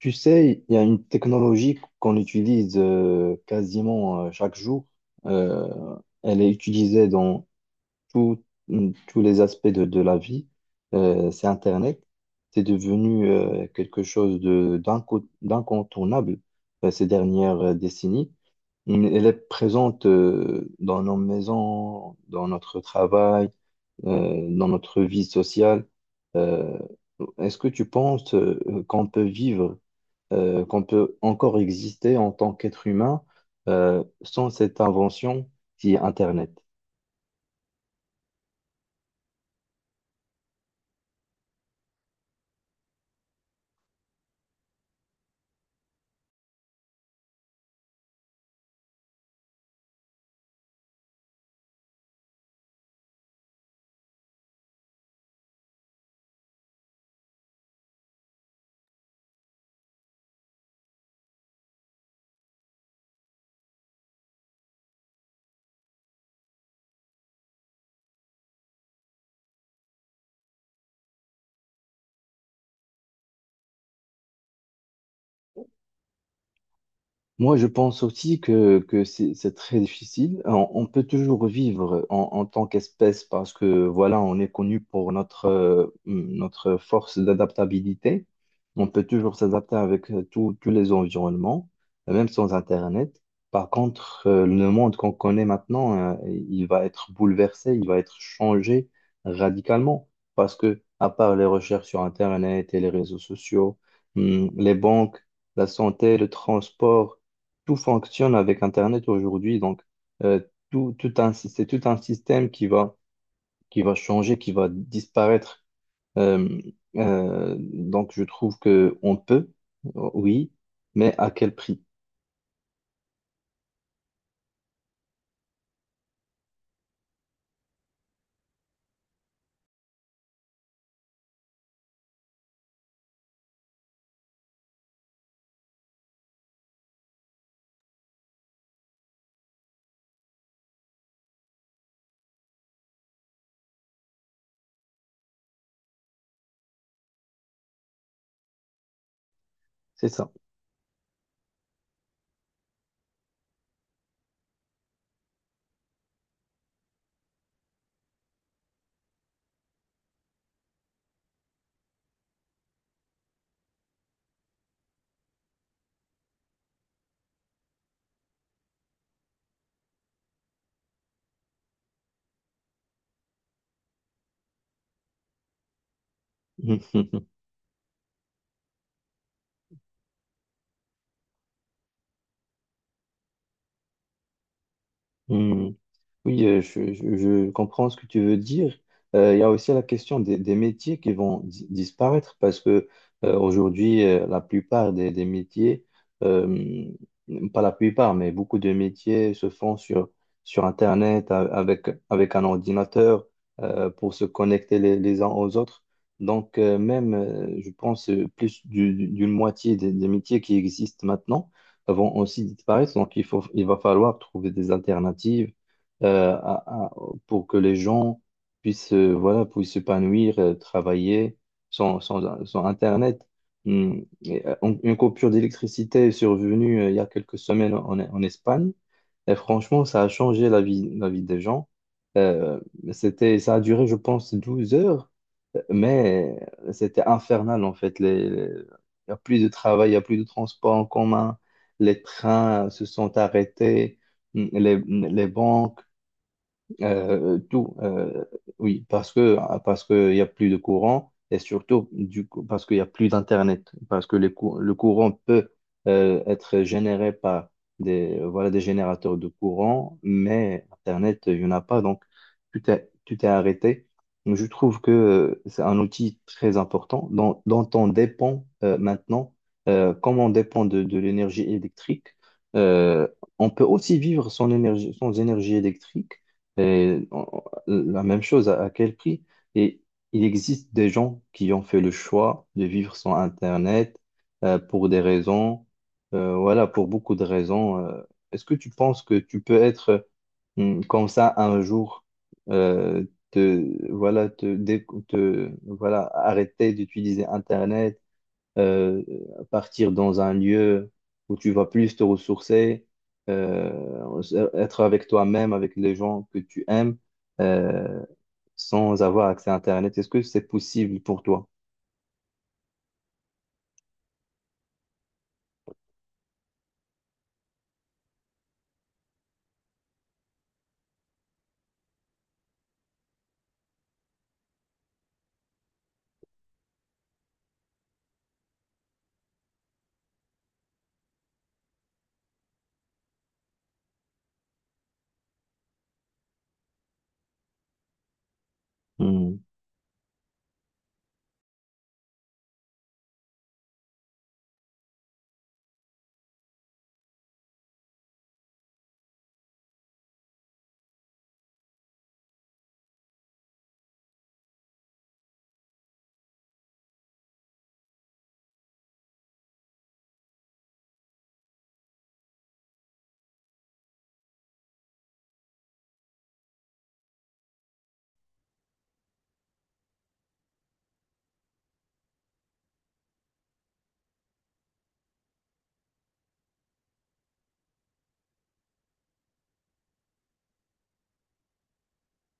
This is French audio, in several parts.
Tu sais, il y a une technologie qu'on utilise quasiment chaque jour. Euh, Elle est utilisée dans tout- tous les aspects de la vie. C'est Internet. C'est devenu quelque chose d'incontournable ces dernières décennies. Elle est présente dans nos maisons, dans notre travail, dans notre vie sociale. Euh, Est-ce que tu penses qu'on peut vivre qu'on peut encore exister en tant qu'être humain sans cette invention qui est Internet. Moi, je pense aussi que c'est très difficile. On peut toujours vivre en tant qu'espèce parce que, voilà, on est connu pour notre, notre force d'adaptabilité. On peut toujours s'adapter avec tous les environnements, même sans Internet. Par contre, le monde qu'on connaît maintenant, il va être bouleversé, il va être changé radicalement parce que, à part les recherches sur Internet et les réseaux sociaux, les banques, la santé, le transport, tout fonctionne avec Internet aujourd'hui. Donc, euh, c'est tout un système qui va changer, qui va disparaître. Euh, donc, je trouve que on peut, oui, mais à quel prix? C'est ça. Oui, je comprends ce que tu veux dire. Il y a aussi la question des métiers qui vont disparaître parce que aujourd'hui, la plupart des métiers, euh, pas la plupart, mais beaucoup de métiers se font sur, sur Internet avec, avec un ordinateur pour se connecter les uns aux autres. Donc, même, je pense, d'une moitié des métiers qui existent maintenant vont aussi disparaître. Donc, il faut, il va falloir trouver des alternatives euh, à- à- pour que les gens puissent voilà puissent s'épanouir, travailler sans Internet. Hmm. Et, une coupure d'électricité est survenue il y a quelques semaines en Espagne. Et franchement, ça a changé la vie des gens. Euh, C'était, ça a duré, je pense, 12 heures, mais c'était infernal en fait. Il n'y a plus de travail, il n'y a plus de transport en commun, les trains se sont arrêtés. Hmm. Les banques. Tout, oui, parce que il y a plus de courant et surtout du coup, parce qu'il y a plus d'internet, parce que le courant peut être généré par des voilà des générateurs de courant, mais internet il n'y en a pas donc tout est arrêté. Donc, je trouve que c'est un outil très important dont, dont on dépend maintenant, comme on dépend de l'énergie électrique. euh, on peut aussi vivre sans énergie, sans énergie électrique. Et la même chose, à quel prix? Et il existe des gens qui ont fait le choix de vivre sans Internet pour des raisons, voilà, pour beaucoup de raisons. Est-ce que tu penses que tu peux être comme ça un jour, euh, te, voilà, te, dé- te- voilà, arrêter d'utiliser Internet, euh, partir dans un lieu où tu vas plus te ressourcer, euh, être avec toi-même, avec les gens que tu aimes, euh, sans avoir accès à Internet. Est-ce que c'est possible pour toi? Mhm.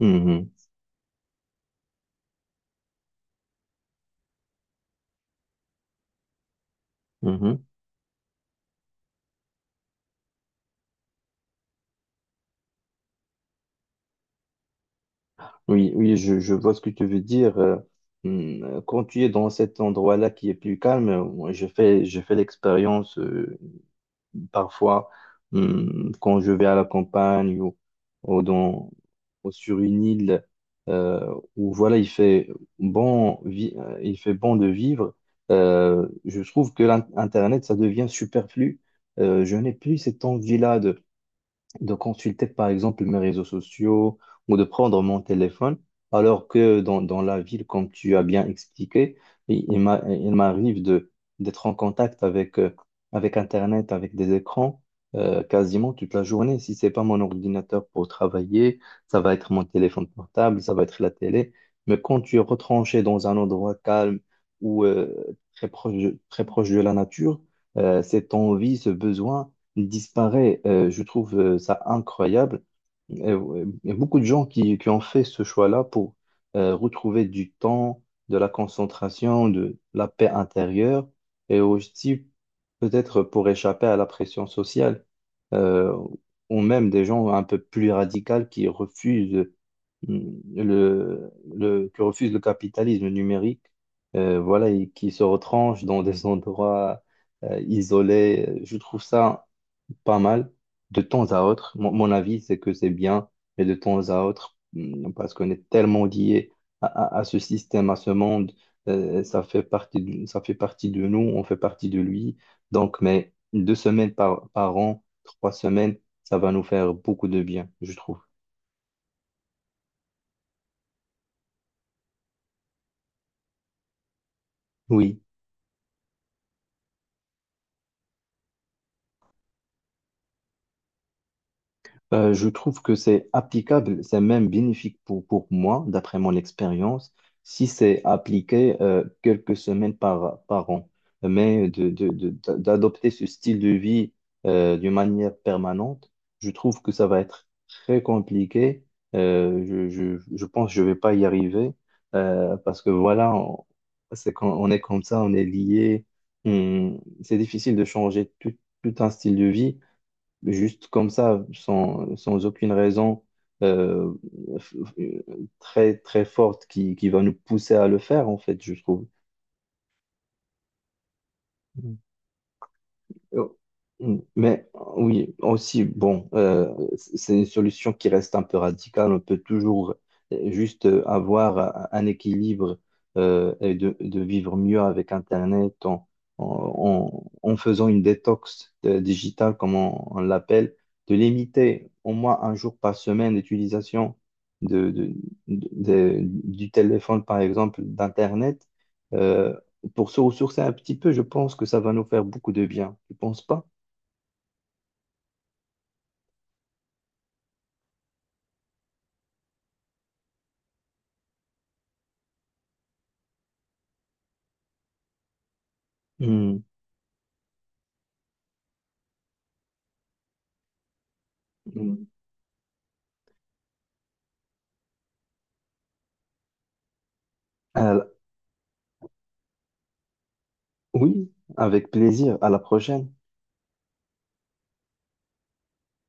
Mhm. Mhm. Oui, oui, je vois ce que tu veux dire. Quand tu es dans cet endroit-là qui est plus calme, moi, je fais l'expérience parfois quand je vais à la campagne ou dans, ou sur une île où voilà, il fait il fait bon de vivre. Je trouve que Internet, ça devient superflu. Je n'ai plus cette envie-là de consulter par exemple mes réseaux sociaux ou de prendre mon téléphone, alors que dans la ville, comme tu as bien expliqué, il m'arrive d'être en contact avec, avec Internet, avec des écrans, quasiment toute la journée. Si c'est pas mon ordinateur pour travailler, ça va être mon téléphone portable, ça va être la télé. Mais quand tu es retranché dans un endroit calme ou très proche, très proche de la nature, cette envie, ce besoin, disparaît. Je trouve ça incroyable. Ouais, il y a beaucoup de gens qui ont fait ce choix-là pour retrouver du temps, de la concentration, de la paix intérieure et aussi peut-être pour échapper à la pression sociale. Euh, ou même des gens un peu plus radicaux qui refusent mm, qui refusent le capitalisme numérique. Voilà, et qui se retranchent dans des endroits isolés. Je trouve ça pas mal. De temps à autre, mon avis, c'est que c'est bien, mais de temps à autre, hmm, parce qu'on est tellement lié à ce système, à ce monde, ça fait partie de, ça fait partie de nous, on fait partie de lui. Donc, mais deux semaines par an, trois semaines, ça va nous faire beaucoup de bien, je trouve. Oui. Je trouve que c'est applicable, c'est même bénéfique pour moi, d'après mon expérience, si c'est appliqué quelques semaines par an. Mais d'adopter ce style de vie d'une manière permanente, je trouve que ça va être très compliqué. Je pense que je vais pas y arriver parce que voilà, c'est quand on est comme ça, on est lié. C'est difficile de changer tout, tout un style de vie juste comme ça, sans aucune raison euh, f- f- très forte qui va nous pousser à le faire, en fait, je trouve. Euh, Mais oui, aussi, bon, c'est une solution qui reste un peu radicale. On peut toujours juste avoir un équilibre et de vivre mieux avec Internet en faisant une détox digitale, comme on l'appelle, de limiter au moins un jour par semaine l'utilisation de, de- du téléphone, par exemple, d'Internet. euh, pour se ressourcer un petit peu, je pense que ça va nous faire beaucoup de bien. Tu penses pas? Hmm, hmm. À la- oui, avec plaisir. À la prochaine.